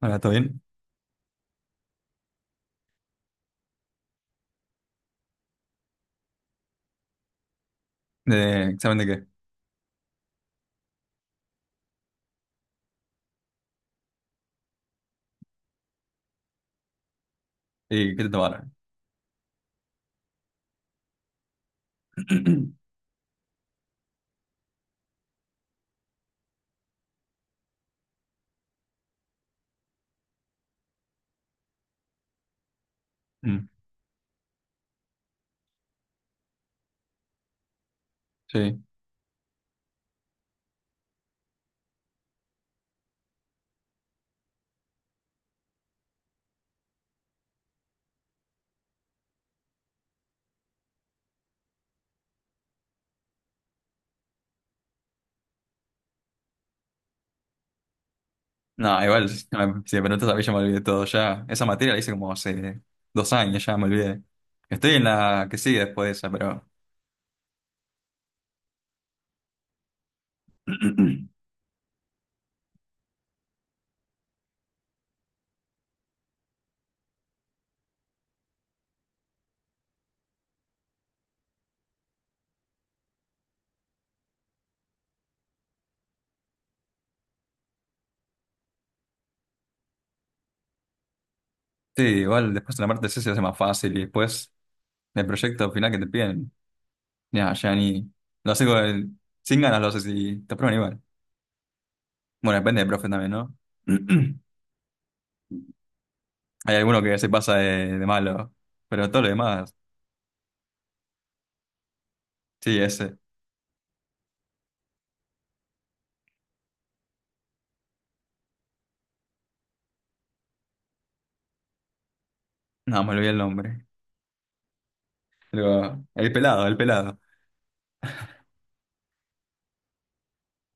Hola, ¿todo bien? ¿De examen de qué? ¿Y qué te tomaron? Mm, sí. No, igual, si me preguntas a mí ya me olvidé todo ya. Esa materia la hice como hace 2 años, ya me olvidé. Estoy en la que sigue después de esa, pero... Sí, igual después en la parte C se hace más fácil y después el proyecto final que te piden, ya, ya ni... Lo haces sin ganas, lo haces y te aprueban igual. Bueno, depende del profe también, ¿no? Hay alguno que se pasa de malo, pero todo lo demás, sí, ese. No, me olvidé el nombre. Pero el pelado, el pelado.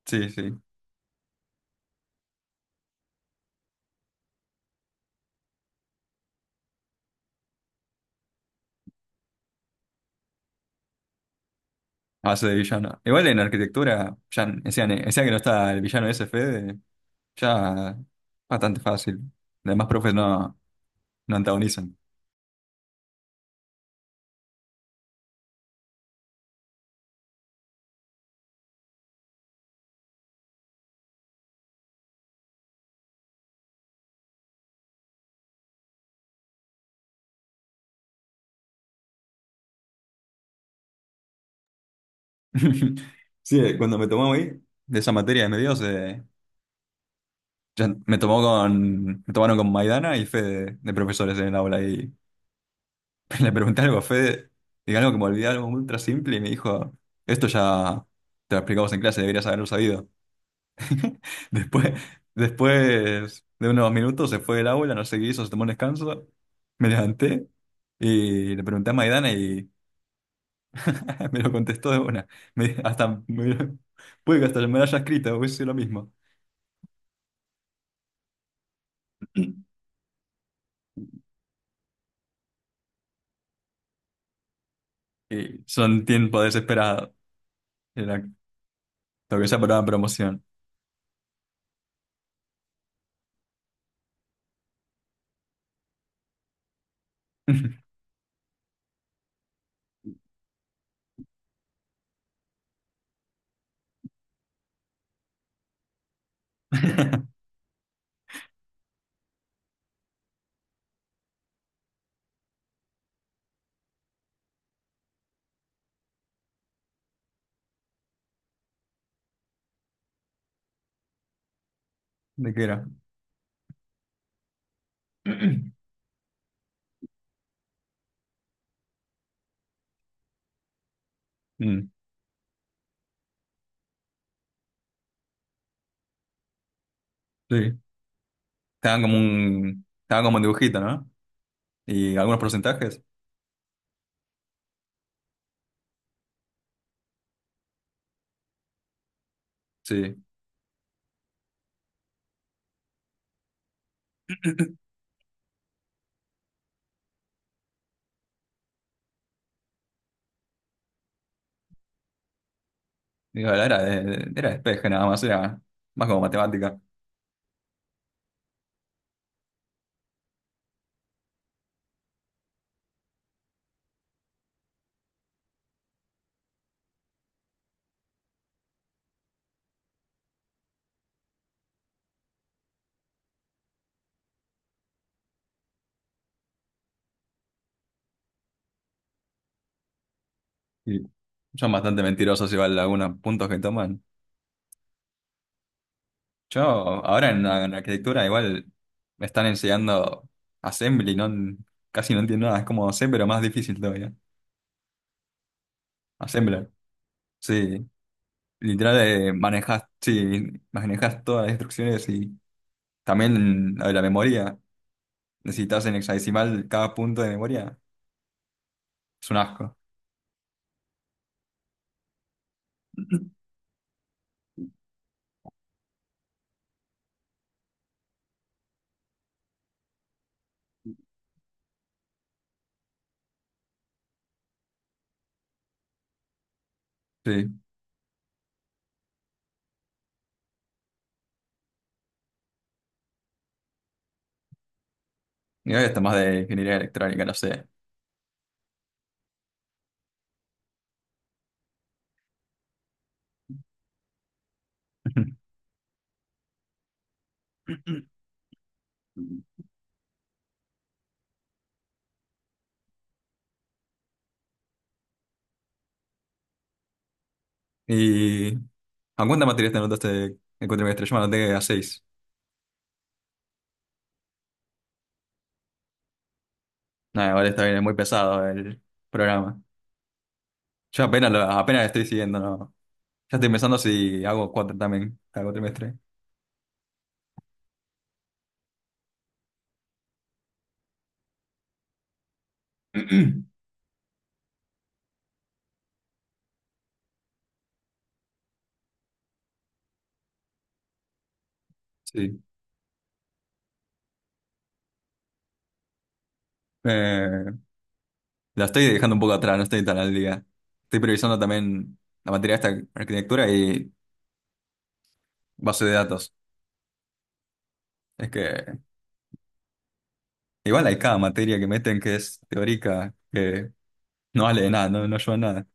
Sí, sí. Hace de villano. Igual en arquitectura, ya decían que no está el villano ese Fede, ya bastante fácil. Además, profes no, no antagonizan. Sí, cuando me tomó ahí, de esa materia de medios, me tomaron con Maidana y Fede de profesores en el aula y le pregunté algo a Fede, diga algo que me olvidé, algo ultra simple, y me dijo, esto ya te lo explicamos en clase, deberías haberlo sabido. Después, después de unos minutos se fue el aula, no sé qué hizo, se tomó un descanso. Me levanté y le pregunté a Maidana y me lo contestó de una. Me- hasta me- puede que hasta me lo haya escrito, hubiese sido lo mismo. Y son tiempos desesperados. Era lo que se apuraba promoción. ¿De qué era? Mm, sí. Estaban como un dibujito, ¿no? Y algunos porcentajes. Sí. Digo, era despeje nada más, era más como matemática. Y son bastante mentirosos igual algunos puntos que toman. Yo ahora en arquitectura igual me están enseñando Assembly, no, casi no entiendo nada, es como C pero más difícil todavía. Assembler, sí. Literal manejas, sí, manejas todas las instrucciones y también lo de la memoria. Necesitas en hexadecimal cada punto de memoria. Es un asco. Sí. Y hoy está más de ingeniería electrónica, no sé. ¿Y a cuántas materias te anotaste el cuatrimestre? Yo me anoté a seis. Nada, igual está bien, es muy pesado el programa. Yo apenas estoy siguiendo, ¿no? Ya estoy pensando si hago cuatro también cada cuatrimestre. Sí. Eh, la estoy dejando un poco atrás, no estoy tan al día. Estoy priorizando también la materia esta, arquitectura y base de datos. Es que igual hay cada materia que meten que es teórica, que no vale de nada, no, no ayuda a nada.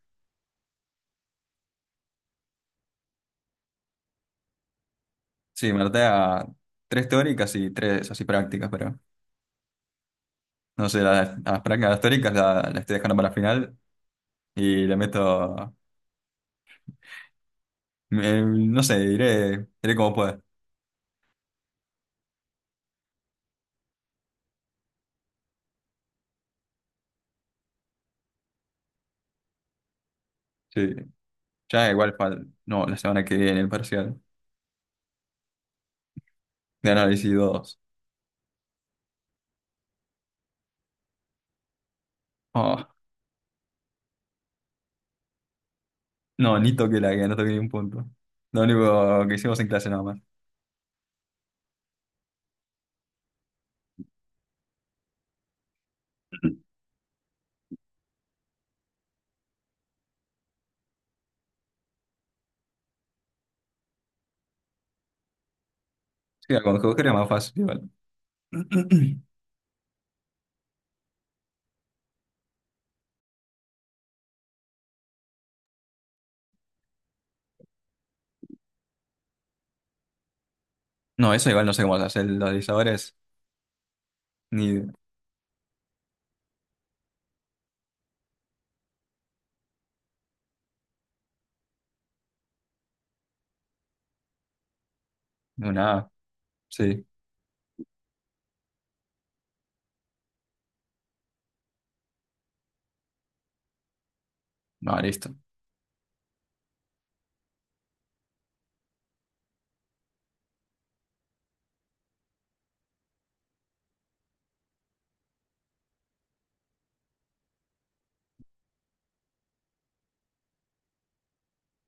Sí, me anoté a tres teóricas y tres así prácticas, pero... No sé, a Franca Gastórica la estoy dejando para el final y le meto. No sé, diré como pueda. Sí, ya igual para. No, la semana que viene, el parcial de análisis dos. Oh, no, ni toqué la guía, no toqué ni un punto. Lo único que hicimos en clase nada más. Sí, con coger es más fácil igual. No, eso igual no sé cómo se hace los divisores ni de no, nada. Sí, no, listo.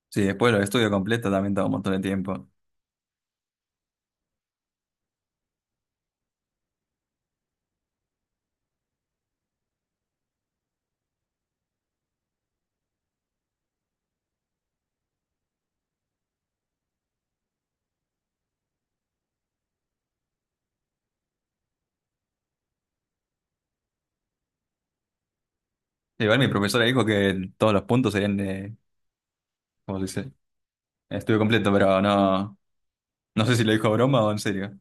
Sí, después lo estudio completo también toma un montón de tiempo. Igual mi profesora dijo que todos los puntos serían de, ¿cómo se dice? Estuve completo, pero no, no sé si lo dijo broma o en serio.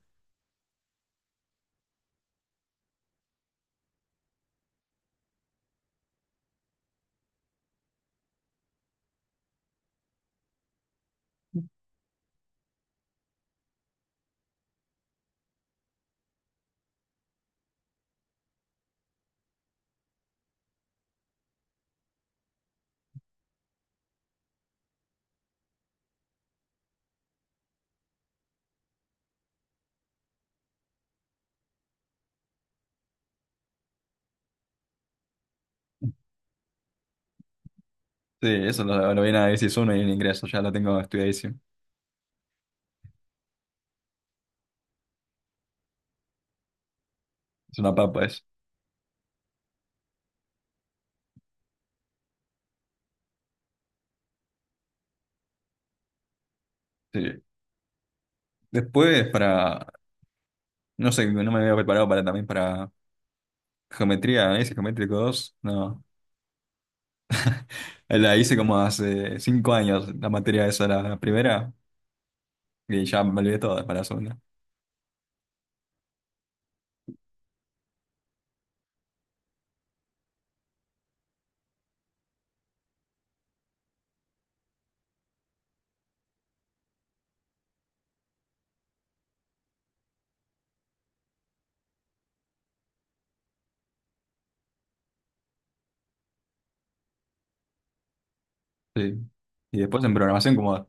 Sí, eso lo viene a decir uno y en ingreso, ya lo tengo estudiadísimo. Es una papa eso. Sí. Después para, no sé, no me había preparado para también para geometría, análisis geométrico 2 no. La hice como hace 5 años, la materia esa, la primera, y ya me olvidé todas para la segunda. Sí. Y después en programación, como,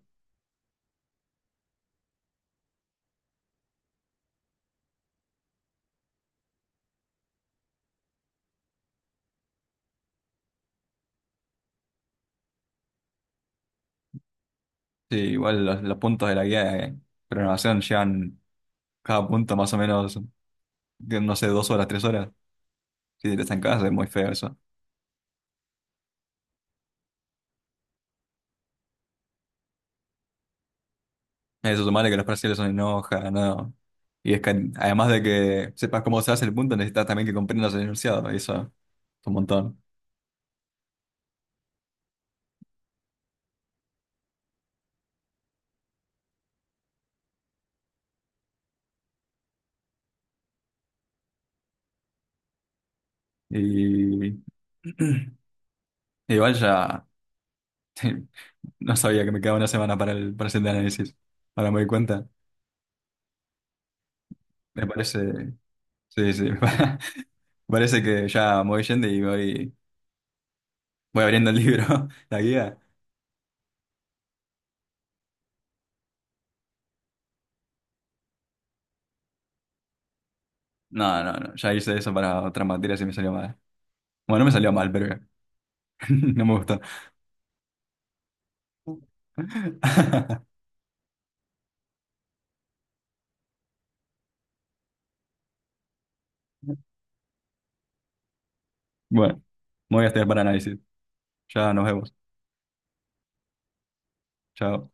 sí, igual los puntos de la guía de programación llevan cada punto más o menos, no sé, 2 horas, 3 horas. Si te estancás es muy feo eso. Eso, sumarle que los brasileños son enoja, no. Y es que además de que sepas cómo se hace el punto, necesitas también que comprendas el enunciado, y eso es un montón. Y igual ya no sabía que me quedaba una semana para el siguiente análisis. Ahora me doy cuenta. Me parece, sí, sí, me parece que ya me voy yendo y voy abriendo el libro, la guía. No, no, no, ya hice eso para otras materias y me salió mal. Bueno, no me salió mal, pero no me gustó. Bueno, me voy a estudiar para análisis. Ya nos vemos. Chao.